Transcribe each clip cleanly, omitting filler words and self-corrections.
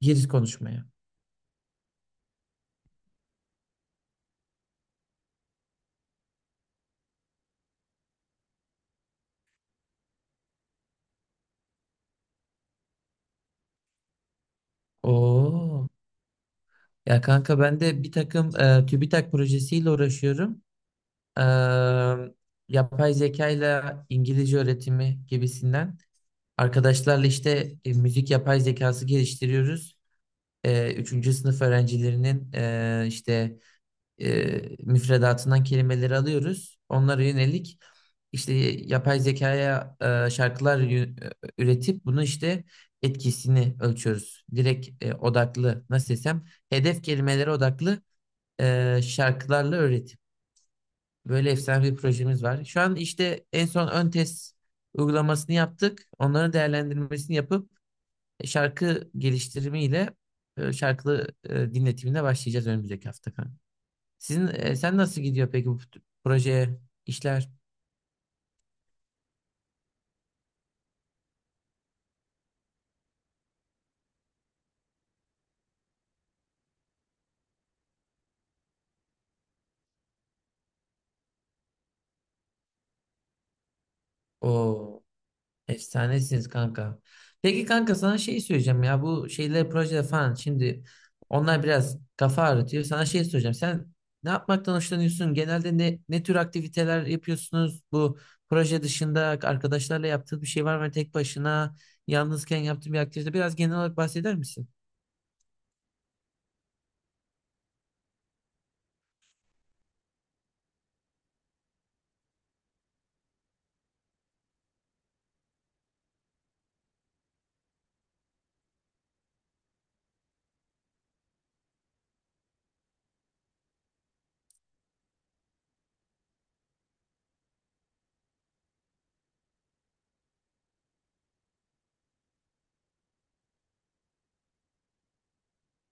Gir konuşmaya. Oo. Ya kanka ben de bir takım TÜBİTAK projesiyle uğraşıyorum. E, Yapay zeka ile İngilizce öğretimi gibisinden. Arkadaşlarla işte müzik yapay zekası geliştiriyoruz. Üçüncü sınıf öğrencilerinin işte müfredatından kelimeleri alıyoruz. Onlara yönelik işte yapay zekaya şarkılar üretip bunu işte etkisini ölçüyoruz. Direkt odaklı nasıl desem hedef kelimelere odaklı şarkılarla öğretim. Böyle efsane bir projemiz var. Şu an işte en son ön test uygulamasını yaptık. Onların değerlendirmesini yapıp şarkı geliştirimiyle şarkılı dinletimine başlayacağız önümüzdeki hafta. Sen nasıl gidiyor peki bu proje işler? O efsanesiniz kanka. Peki kanka sana şey söyleyeceğim ya bu şeyler projeler falan şimdi onlar biraz kafa ağrıtıyor. Sana şey söyleyeceğim. Sen ne yapmaktan hoşlanıyorsun? Genelde ne tür aktiviteler yapıyorsunuz? Bu proje dışında arkadaşlarla yaptığın bir şey var mı? Hani tek başına yalnızken yaptığın bir aktivite biraz genel olarak bahseder misin?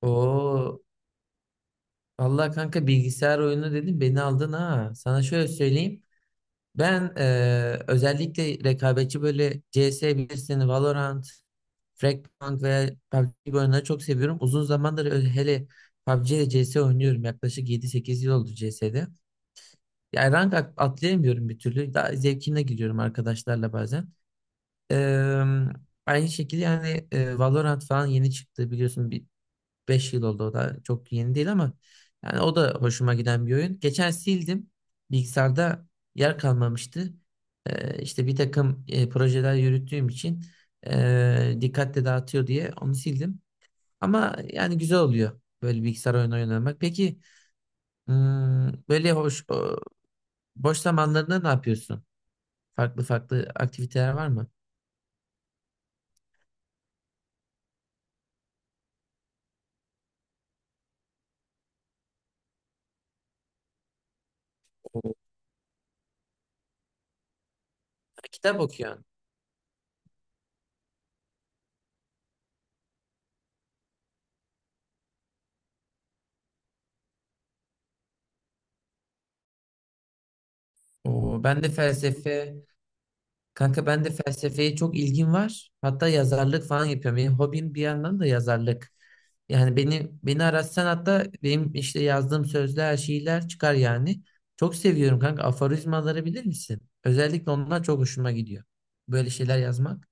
Oo Allah kanka bilgisayar oyunu dedim beni aldın ha. Sana şöyle söyleyeyim. Ben özellikle rekabetçi böyle CS bilirsin, Valorant, Fragpunk veya PUBG gibi oyunları çok seviyorum. Uzun zamandır hele PUBG ile CS oynuyorum. Yaklaşık yedi sekiz yıl oldu CS'de. Yani rank atlayamıyorum bir türlü. Daha zevkine gidiyorum arkadaşlarla bazen. Eee, aynı şekilde yani Valorant falan yeni çıktı biliyorsun. 5 yıl oldu o da çok yeni değil ama yani o da hoşuma giden bir oyun. Geçen sildim. Bilgisayarda yer kalmamıştı. İşte bir takım projeler yürüttüğüm için dikkatle dağıtıyor diye onu sildim. Ama yani güzel oluyor böyle bilgisayar oyunu oynamak. Peki böyle boş zamanlarında ne yapıyorsun? Farklı farklı aktiviteler var mı? Oo, kitap okuyorsun. Oo, ben de felsefe... Kanka ben de felsefeye çok ilgim var. Hatta yazarlık falan yapıyorum. Benim hobim bir yandan da yazarlık. Yani beni aratsan hatta benim işte yazdığım sözler, şiirler çıkar yani. Çok seviyorum kanka. Aforizmaları bilir misin? Özellikle onlar çok hoşuma gidiyor. Böyle şeyler yazmak.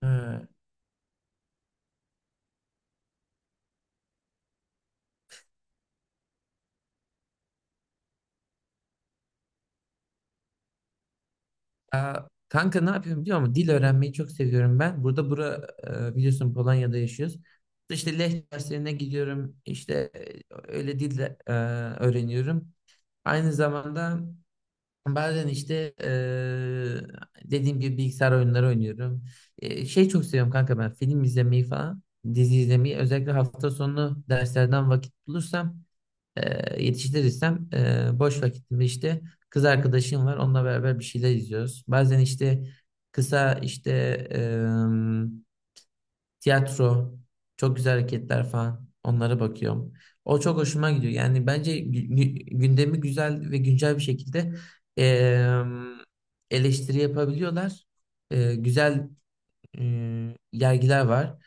Ha. Aa, kanka ne yapıyorum biliyor musun? Dil öğrenmeyi çok seviyorum ben. Burada biliyorsun Polonya'da yaşıyoruz. İşte Leh derslerine gidiyorum. İşte öyle dil de, öğreniyorum. Aynı zamanda bazen işte dediğim gibi bilgisayar oyunları oynuyorum. Şey çok seviyorum kanka ben film izlemeyi falan, dizi izlemeyi. Özellikle hafta sonu derslerden vakit bulursam, yetiştirirsem boş vakitimde işte kız arkadaşım var. Onunla beraber bir şeyler izliyoruz. Bazen işte kısa işte tiyatro, çok güzel hareketler falan. Onlara bakıyorum. O çok hoşuma gidiyor. Yani bence gündemi güzel ve güncel bir şekilde em, eleştiri yapabiliyorlar. Güzel yergiler var.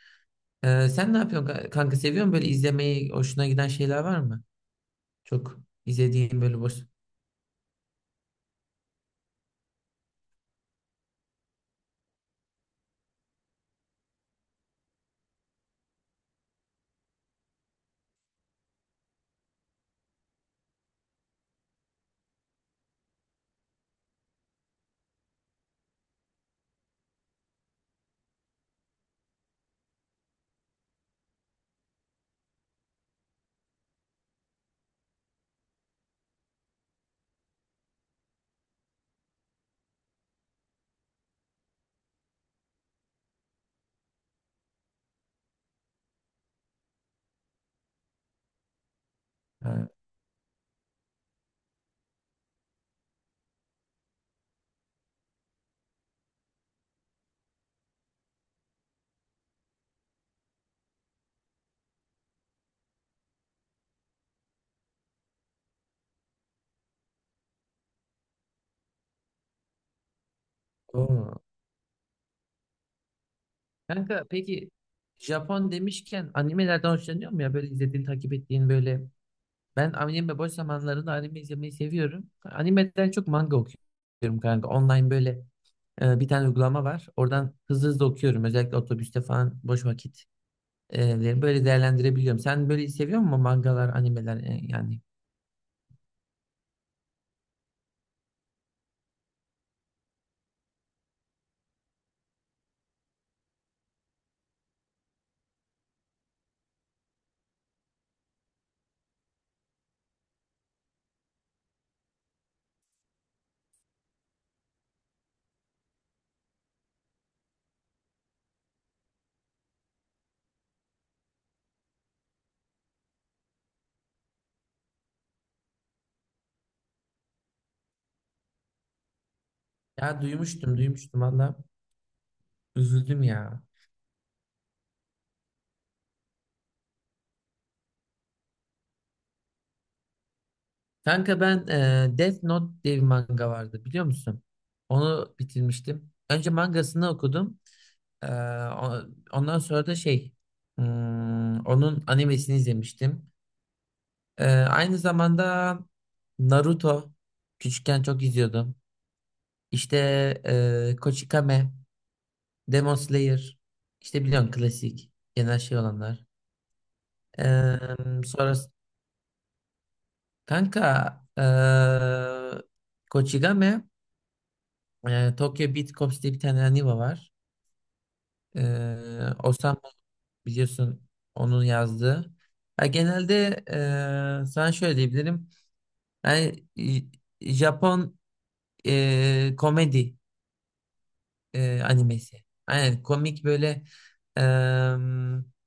Sen ne yapıyorsun kanka? Seviyor musun böyle izlemeyi? Hoşuna giden şeyler var mı? Çok izlediğin böyle boş... Ha, oo. Kanka peki Japon demişken animelerden hoşlanıyor mu ya? Böyle izlediğin, takip ettiğin böyle... Ben anime boş zamanlarında anime izlemeyi seviyorum. Animeden çok manga okuyorum kanka. Online böyle bir tane uygulama var. Oradan hızlı hızlı okuyorum. Özellikle otobüste falan boş vakit böyle değerlendirebiliyorum. Sen böyle seviyor musun mangalar, animeler yani? Ya duymuştum, duymuştum valla. Üzüldüm ya. Kanka ben Death Note diye bir manga vardı biliyor musun? Onu bitirmiştim. Önce mangasını okudum. Ee, o- ondan sonra da şey onun animesini izlemiştim. Aynı zamanda Naruto küçükken çok izliyordum. İşte Kochikame, Demon Slayer işte biliyorsun klasik genel şey olanlar. Ee, sonra kanka Kochikame Tokyo Beat Cops diye bir tane anime var. Ee, biliyorsun onun yazdığı. Ya genelde sana şöyle diyebilirim. Yani Japon komedi animesi. Aynen komik böyle eee,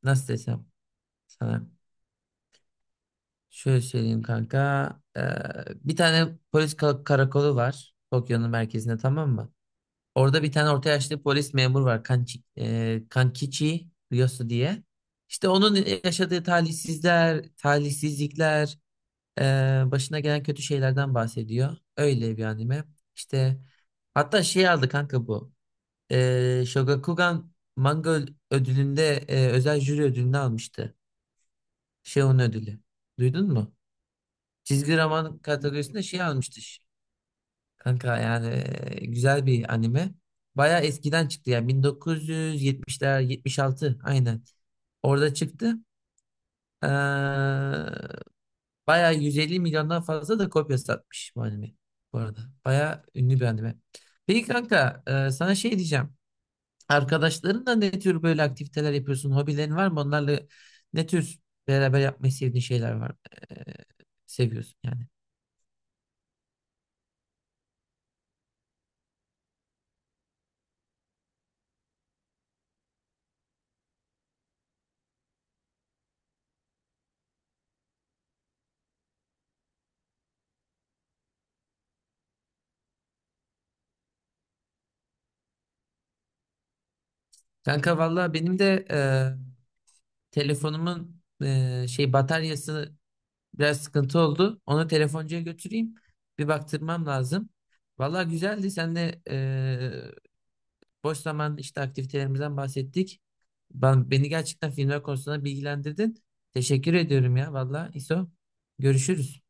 nasıl desem sana. Şöyle söyleyeyim kanka. Bir tane polis karakolu var Tokyo'nun merkezinde tamam mı? Orada bir tane orta yaşlı polis memur var Kankichi Ryosu diye. İşte onun yaşadığı talihsizlikler, başına gelen kötü şeylerden bahsediyor. Öyle bir anime. İşte hatta şey aldı kanka bu. Shogakukan Manga ödülünde özel jüri ödülünü almıştı. Şey onun ödülü. Duydun mu? Çizgi roman kategorisinde şey almıştı. Kanka yani güzel bir anime. Baya eskiden çıktı yani 1970'ler 76 aynen. Orada çıktı. Ee, Bayağı 150 milyondan fazla da kopya satmış bu anime bu arada. Bayağı ünlü bir anime. Peki kanka sana şey diyeceğim. Arkadaşlarınla ne tür böyle aktiviteler yapıyorsun? Hobilerin var mı? Onlarla ne tür beraber yapmayı sevdiğin şeyler var? E, Seviyorsun yani. Kanka valla benim de telefonumun şey bataryası biraz sıkıntı oldu. Onu telefoncuya götüreyim. Bir baktırmam lazım. Valla güzeldi. Sen de boş zaman işte aktivitelerimizden bahsettik. Beni gerçekten filmler konusunda bilgilendirdin. Teşekkür ediyorum ya valla İso. Görüşürüz.